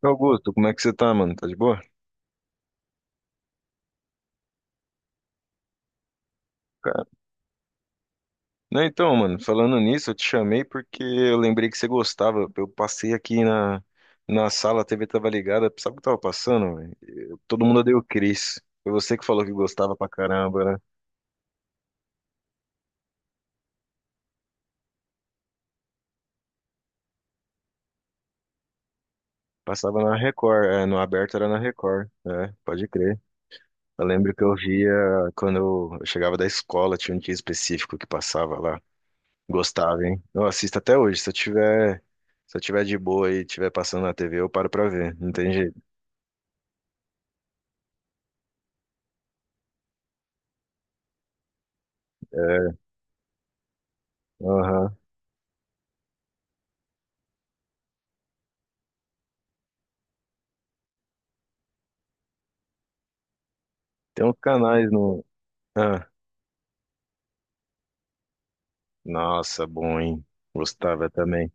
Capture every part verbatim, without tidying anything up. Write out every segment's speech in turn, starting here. Augusto, como é que você tá, mano? Tá de boa? Cara, né, então, mano, falando nisso, eu te chamei porque eu lembrei que você gostava. Eu passei aqui na, na sala, a T V tava ligada. Sabe o que tava passando, velho? Eu- todo mundo odeia o Chris. Foi você que falou que gostava pra caramba, né? Passava na Record, é, no aberto era na Record, é, pode crer. Eu lembro que eu via quando eu eu chegava da escola, tinha um dia específico que passava lá. Gostava, hein? Eu assisto até hoje, se eu tiver, se eu tiver de boa e tiver passando na T V, eu paro pra ver, não tem jeito. Aham. Tem uns canais no. Ah, nossa, bom, hein? Gostava também.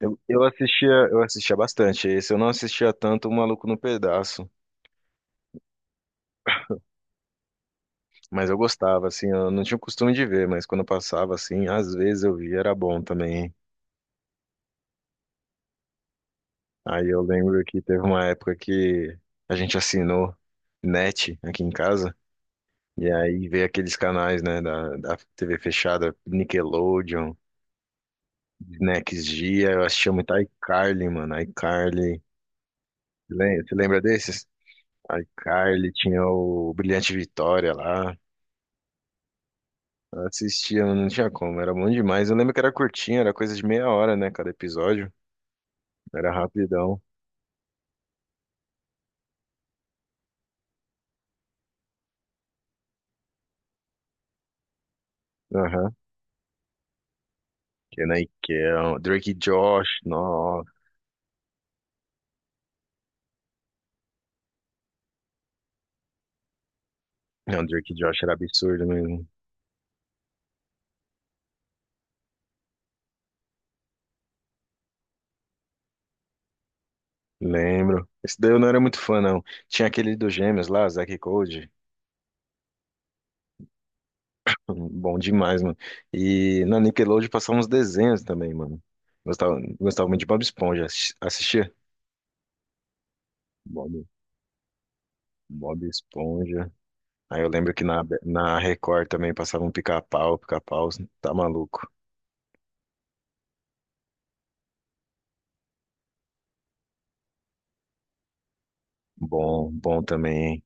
Eu, eu assistia, eu assistia bastante esse. Eu não assistia tanto o Maluco no Pedaço, mas eu gostava, assim, eu não tinha o costume de ver, mas quando eu passava, assim, às vezes eu via, era bom também. Hein? Aí eu lembro que teve uma época que a gente assinou net aqui em casa, e aí veio aqueles canais, né, da, da T V fechada, Nickelodeon, Next Gia, eu assistia muito iCarly, mano, iCarly. Lem- Você lembra desses? iCarly, tinha o Brilhante Vitória lá. Eu assistia, não tinha como, era bom demais. Eu lembro que era curtinho, era coisa de meia hora, né? Cada episódio. Era rapidão. Aham. Kenan e Kel, Drake e Josh, nossa. Não, Drake e Josh era absurdo mesmo. Lembro. Esse daí eu não era muito fã, não. Tinha aquele dos gêmeos lá, Zack e Cody. Hum, Bom demais, mano. E na Nickelodeon passavam uns desenhos também, mano. Gostava, gostava muito de Bob Esponja. Assis- Assistia? Bom. Bob Esponja. Aí eu lembro que na, na Record também passava um pica-pau, pica-pau, tá maluco. Bom, bom também, hein?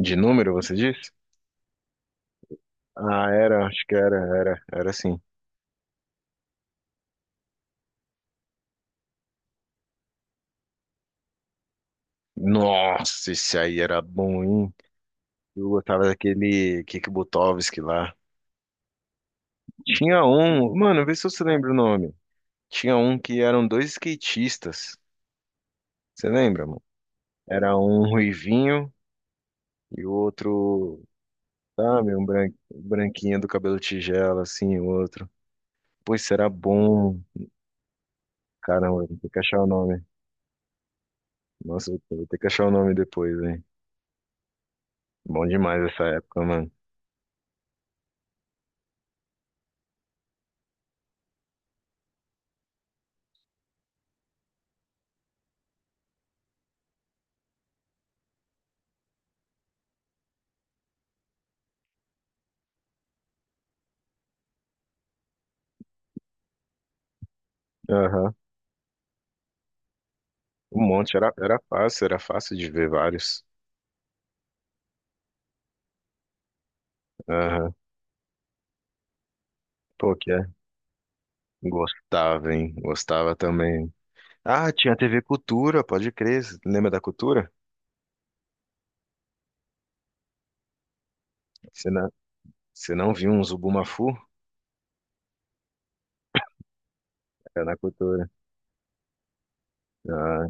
De número, você disse? Ah, era, acho que era, era, era sim. Nossa, esse aí era bom, hein? Eu gostava daquele Kik Butovski lá. Tinha um, mano, vê se você lembra o nome. Tinha um que eram dois skatistas. Você lembra, mano? Era um ruivinho e o outro, sabe, um bran- branquinho do cabelo tigela, assim, o outro. Pois será bom. Caramba, vou ter que achar o nome. Nossa, eu vou ter que achar o nome depois, hein? Bom demais essa época, mano. Aham. Um monte, era, era fácil, era fácil de ver vários. Aham. Pô, que é. Gostava, hein? Gostava também. Ah, tinha T V Cultura, pode crer. Cê lembra da Cultura? Você não, você não viu um Zubumafu? Era na Cultura. Ah,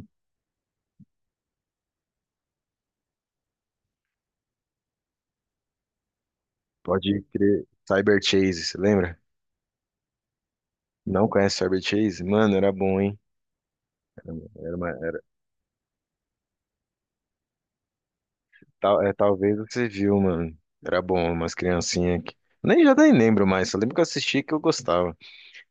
pode crer. Cyber Chase, você lembra? Não conhece Cyber Chase? Mano, era bom, hein? Era uma, tal, é, talvez você viu, mano. Era bom, umas criancinhas aqui. Nem já nem lembro mais, só lembro que eu assisti e que eu gostava.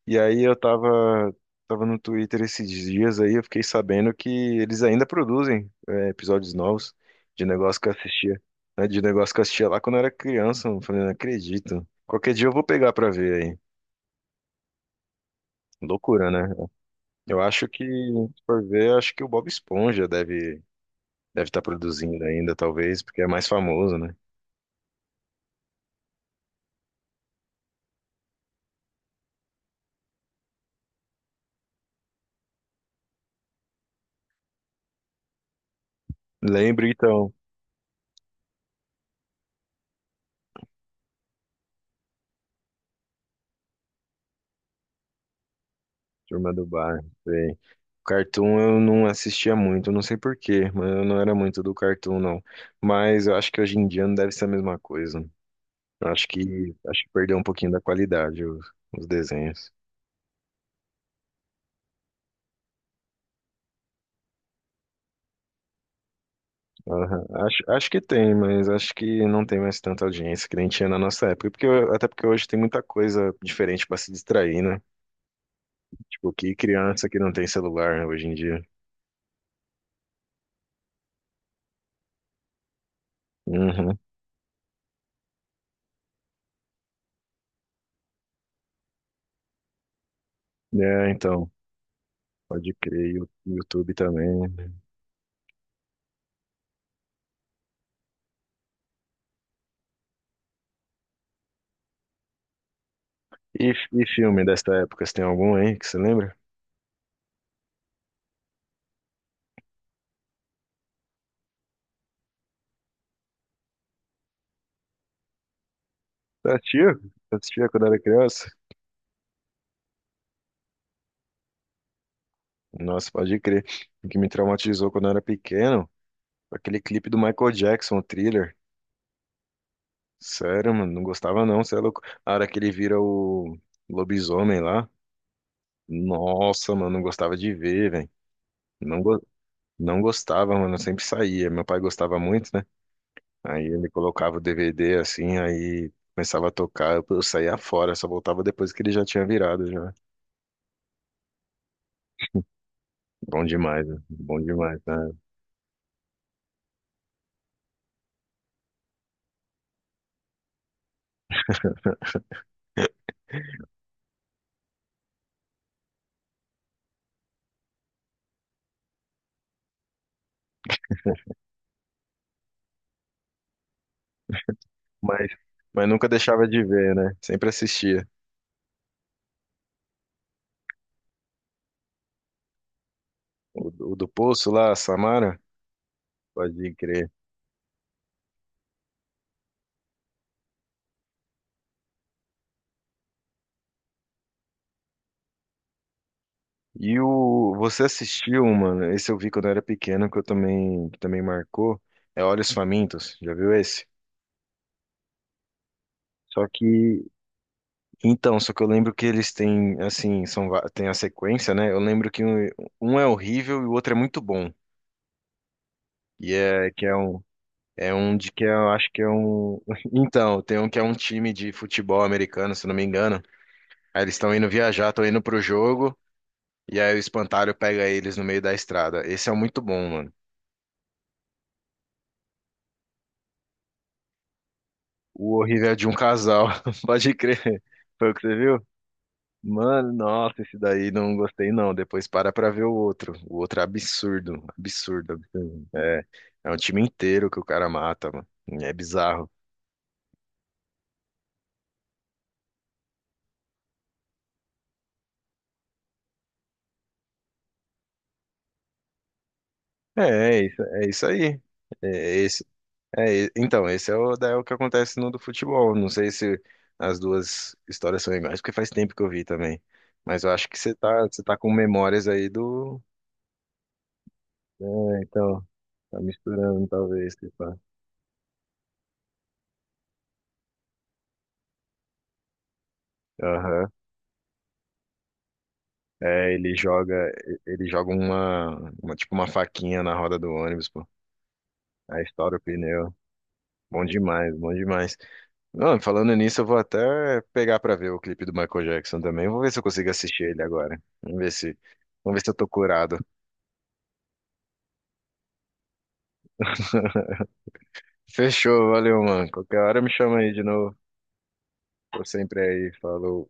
E aí eu tava, tava no Twitter esses dias aí, eu fiquei sabendo que eles ainda produzem é, episódios novos de negócio que eu assistia. Né, de negócio que eu assistia lá quando eu era criança. Eu falei, não acredito. Qualquer dia eu vou pegar pra ver aí. Loucura, né? Eu acho que, se for ver, acho que o Bob Esponja deve deve estar produzindo ainda, talvez, porque é mais famoso, né? Lembro, então. Turma do Bairro, sei. Cartoon eu não assistia muito, eu não sei por quê, mas eu não era muito do Cartoon, não. Mas eu acho que hoje em dia não deve ser a mesma coisa. Eu acho que acho que perdeu um pouquinho da qualidade os, os desenhos. Aham. Acho, acho que tem, mas acho que não tem mais tanta audiência que nem tinha na nossa época. Porque, eu- até porque hoje tem muita coisa diferente para se distrair, né? Tipo, que criança que não tem celular né, hoje em dia. Uhum. É, então, pode crer, e o YouTube também. E, e filme dessa época, você tem algum, hein, que você lembra? Você assistia? Você assistia quando era criança? Nossa, pode crer. O que me traumatizou quando eu era pequeno, aquele clipe do Michael Jackson, o Thriller. Sério, mano, não gostava não, você é louco. A hora que ele vira o lobisomem lá, nossa, mano, não gostava de ver, velho. Não, go- não gostava, mano, eu sempre saía. Meu pai gostava muito, né? Aí ele colocava o D V D assim, aí começava a tocar, eu eu saía fora, só voltava depois que ele já tinha virado, já. Bom demais, né? Bom demais, né? Mas, mas nunca deixava de ver, né? Sempre assistia. O, do o do Poço lá, Samara, pode crer. E o você assistiu, mano? Esse eu vi quando eu era pequeno, que eu também que também marcou. É Olhos Famintos, já viu esse? Só que então, só que eu lembro que eles têm assim, são va- tem a sequência, né? Eu lembro que um, um é horrível e o outro é muito bom. E é que é um. É um de que eu acho que é um. Então, tem um que é um time de futebol americano, se não me engano. Aí eles estão indo viajar, estão indo pro jogo, e aí o espantalho pega eles no meio da estrada. Esse é muito bom, mano. O horrível é de um casal, pode crer. Foi o que você viu? Mano, nossa, esse daí não gostei não. Depois para pra ver o outro. O outro é absurdo, absurdo, absurdo. É, é um time inteiro que o cara mata, mano. É bizarro. É, é isso, é isso aí. É, É, e- então, esse é o, daí é o que acontece no do futebol. Não sei se as duas histórias são iguais, porque faz tempo que eu vi também. Mas eu acho que você tá, você tá com memórias aí do. É, então, tá misturando talvez, tipo. Aham. É, ele joga, ele joga uma, uma, tipo uma faquinha na roda do ônibus, pô. Aí estoura o pneu. Bom demais, bom demais. Não, falando nisso, eu vou até pegar pra ver o clipe do Michael Jackson também. Vou ver se eu consigo assistir ele agora. Vamos ver se, vamos ver se eu tô curado. Fechou, valeu, mano. Qualquer hora me chama aí de novo. Tô sempre aí. Falou.